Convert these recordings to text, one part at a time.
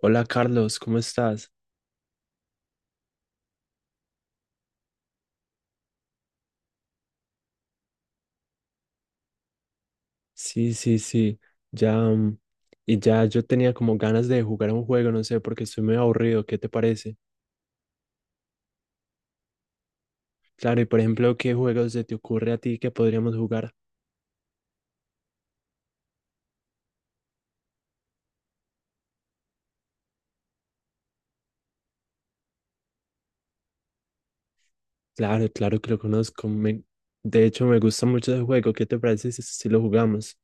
Hola Carlos, ¿cómo estás? Sí, sí, sí, ya, mm, y ya yo tenía como ganas de jugar un juego, no sé, porque estoy muy aburrido, ¿qué te parece? Claro, y por ejemplo, ¿qué juegos se te ocurre a ti que podríamos jugar? Claro, claro que lo conozco, de hecho me gusta mucho ese juego, ¿qué te parece si lo jugamos?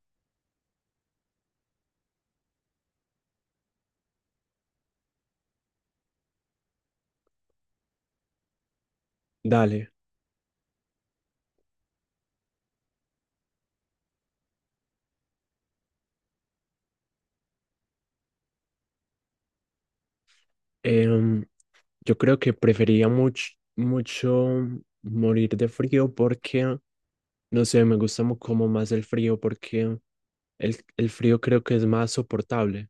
Dale. em, yo creo que prefería mucho, mucho morir de frío porque, no sé, me gusta como más el frío porque el frío creo que es más soportable.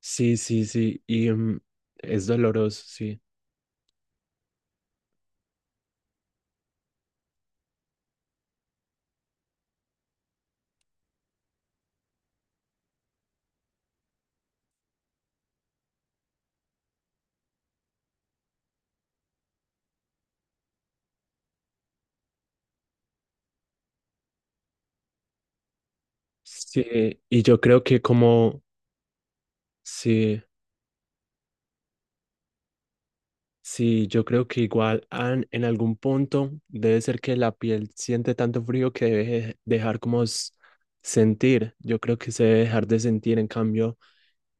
Sí, sí, sí, es doloroso, sí. Sí, y yo creo que como, sí, sí, yo creo que igual en algún punto debe ser que la piel siente tanto frío que debe dejar como sentir, yo creo que se debe dejar de sentir, en cambio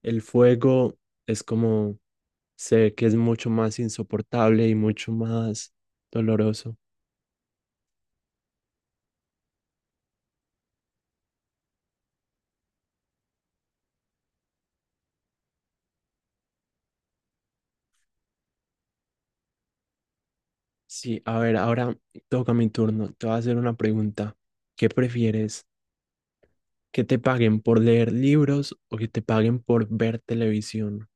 el fuego es como, sé que es mucho más insoportable y mucho más doloroso. Sí, a ver, ahora toca mi turno, te voy a hacer una pregunta, ¿qué prefieres? ¿Que te paguen por leer libros o que te paguen por ver televisión?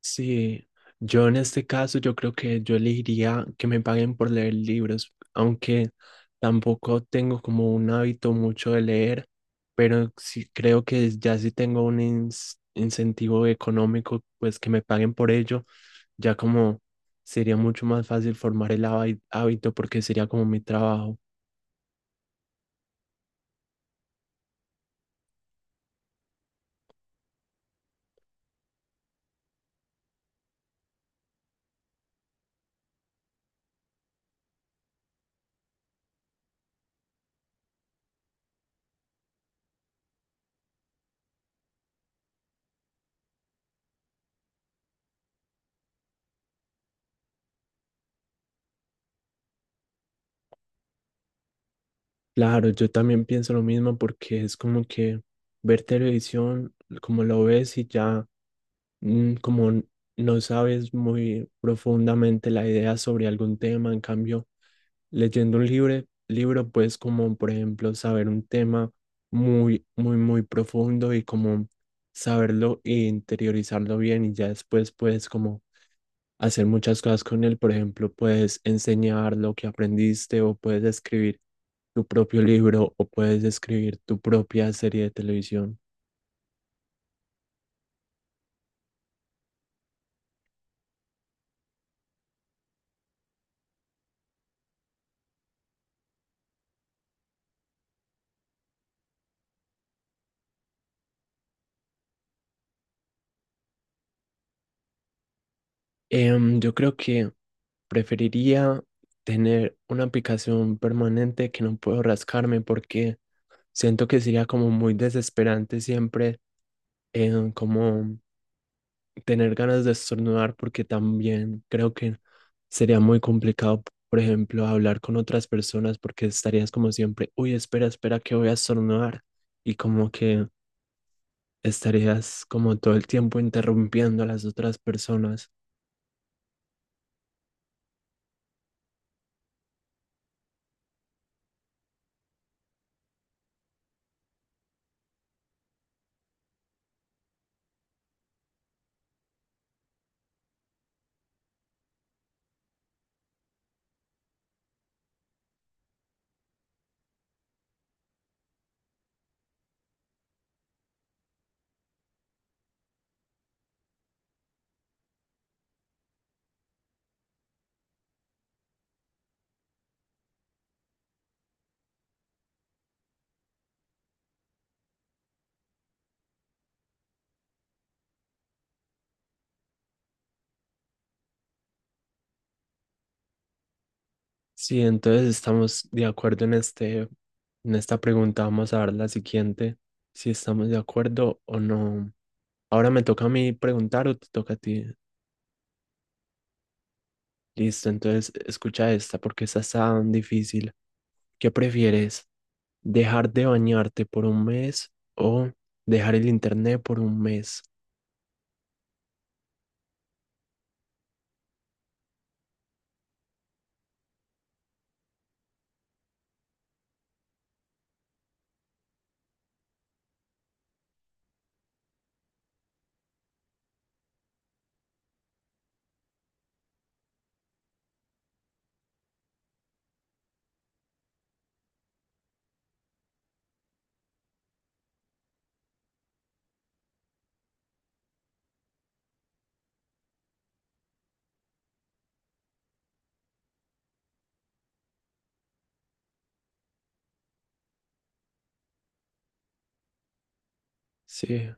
Sí, yo en este caso yo creo que yo elegiría que me paguen por leer libros, aunque tampoco tengo como un hábito mucho de leer, pero sí creo que ya si tengo un incentivo económico, pues que me paguen por ello, ya como sería mucho más fácil formar el hábito porque sería como mi trabajo. Claro, yo también pienso lo mismo porque es como que ver televisión, como lo ves y ya, como no sabes muy profundamente la idea sobre algún tema, en cambio, leyendo un libro, pues como por ejemplo saber un tema muy, muy, muy profundo y como saberlo e interiorizarlo bien y ya después pues como hacer muchas cosas con él. Por ejemplo, puedes enseñar lo que aprendiste o puedes escribir tu propio libro o puedes escribir tu propia serie de televisión. Yo creo que preferiría tener una aplicación permanente que no puedo rascarme porque siento que sería como muy desesperante siempre, como tener ganas de estornudar porque también creo que sería muy complicado, por ejemplo, hablar con otras personas porque estarías como siempre, uy, espera, espera, que voy a estornudar y como que estarías como todo el tiempo interrumpiendo a las otras personas. Sí, entonces estamos de acuerdo en este, en esta pregunta. Vamos a ver la siguiente, si estamos de acuerdo o no. Ahora me toca a mí preguntar o te toca a ti. Listo, entonces escucha esta porque esta está difícil. ¿Qué prefieres? ¿Dejar de bañarte por un mes o dejar el internet por un mes? Sí,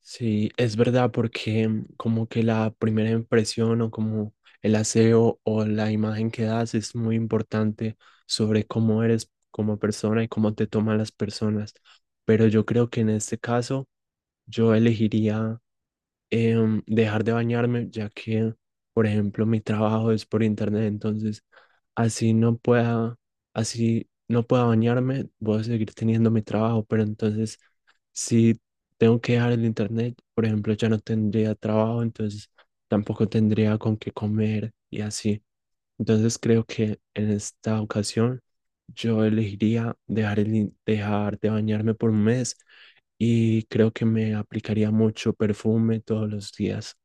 sí, es verdad porque, como que la primera impresión o como el aseo o la imagen que das es muy importante sobre cómo eres como persona y cómo te toman las personas. Pero yo creo que en este caso yo elegiría, dejar de bañarme, ya que, por ejemplo, mi trabajo es por internet, entonces así no pueda, así no pueda bañarme, voy a seguir teniendo mi trabajo, pero entonces si tengo que dejar el internet, por ejemplo, ya no tendría trabajo, entonces tampoco tendría con qué comer y así. Entonces creo que en esta ocasión yo elegiría dejar de bañarme por un mes y creo que me aplicaría mucho perfume todos los días.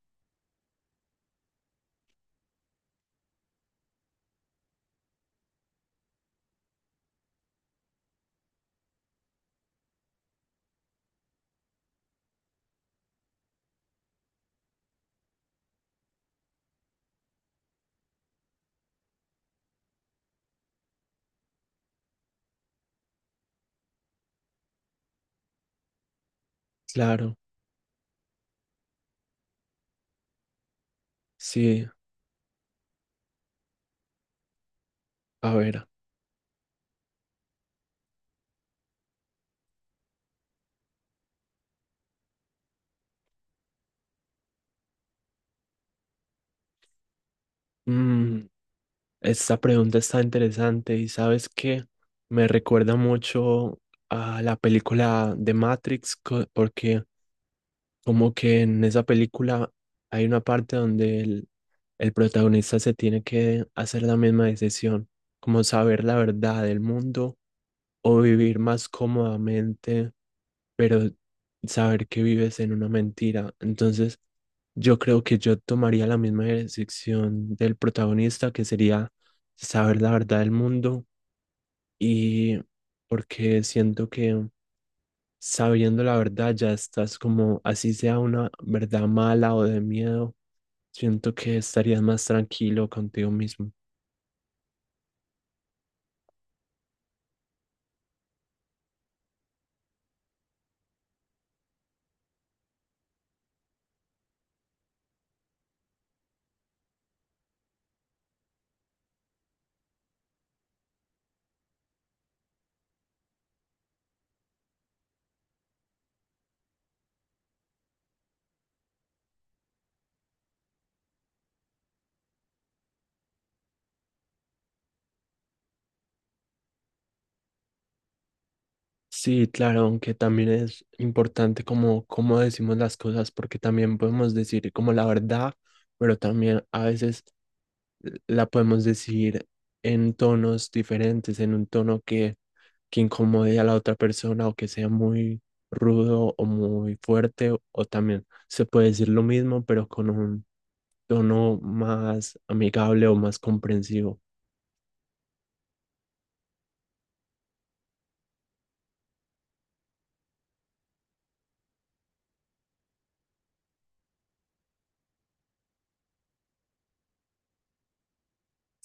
Claro, sí, a ver, mm, esta pregunta está interesante y sabes que me recuerda mucho a la película de Matrix porque como que en esa película hay una parte donde el protagonista se tiene que hacer la misma decisión, como saber la verdad del mundo o vivir más cómodamente pero saber que vives en una mentira. Entonces, yo creo que yo tomaría la misma decisión del protagonista, que sería saber la verdad del mundo y porque siento que sabiendo la verdad ya estás como, así sea una verdad mala o de miedo, siento que estarías más tranquilo contigo mismo. Sí, claro, aunque también es importante como cómo decimos las cosas, porque también podemos decir como la verdad, pero también a veces la podemos decir en tonos diferentes, en un tono que incomode a la otra persona o que sea muy rudo o muy fuerte, o también se puede decir lo mismo, pero con un tono más amigable o más comprensivo.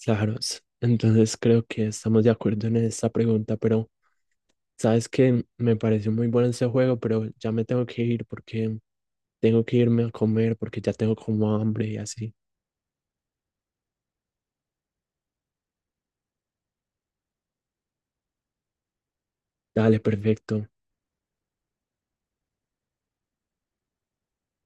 Claro, entonces creo que estamos de acuerdo en esta pregunta, pero... Sabes que me pareció muy bueno ese juego, pero ya me tengo que ir porque tengo que irme a comer porque ya tengo como hambre y así. Dale, perfecto.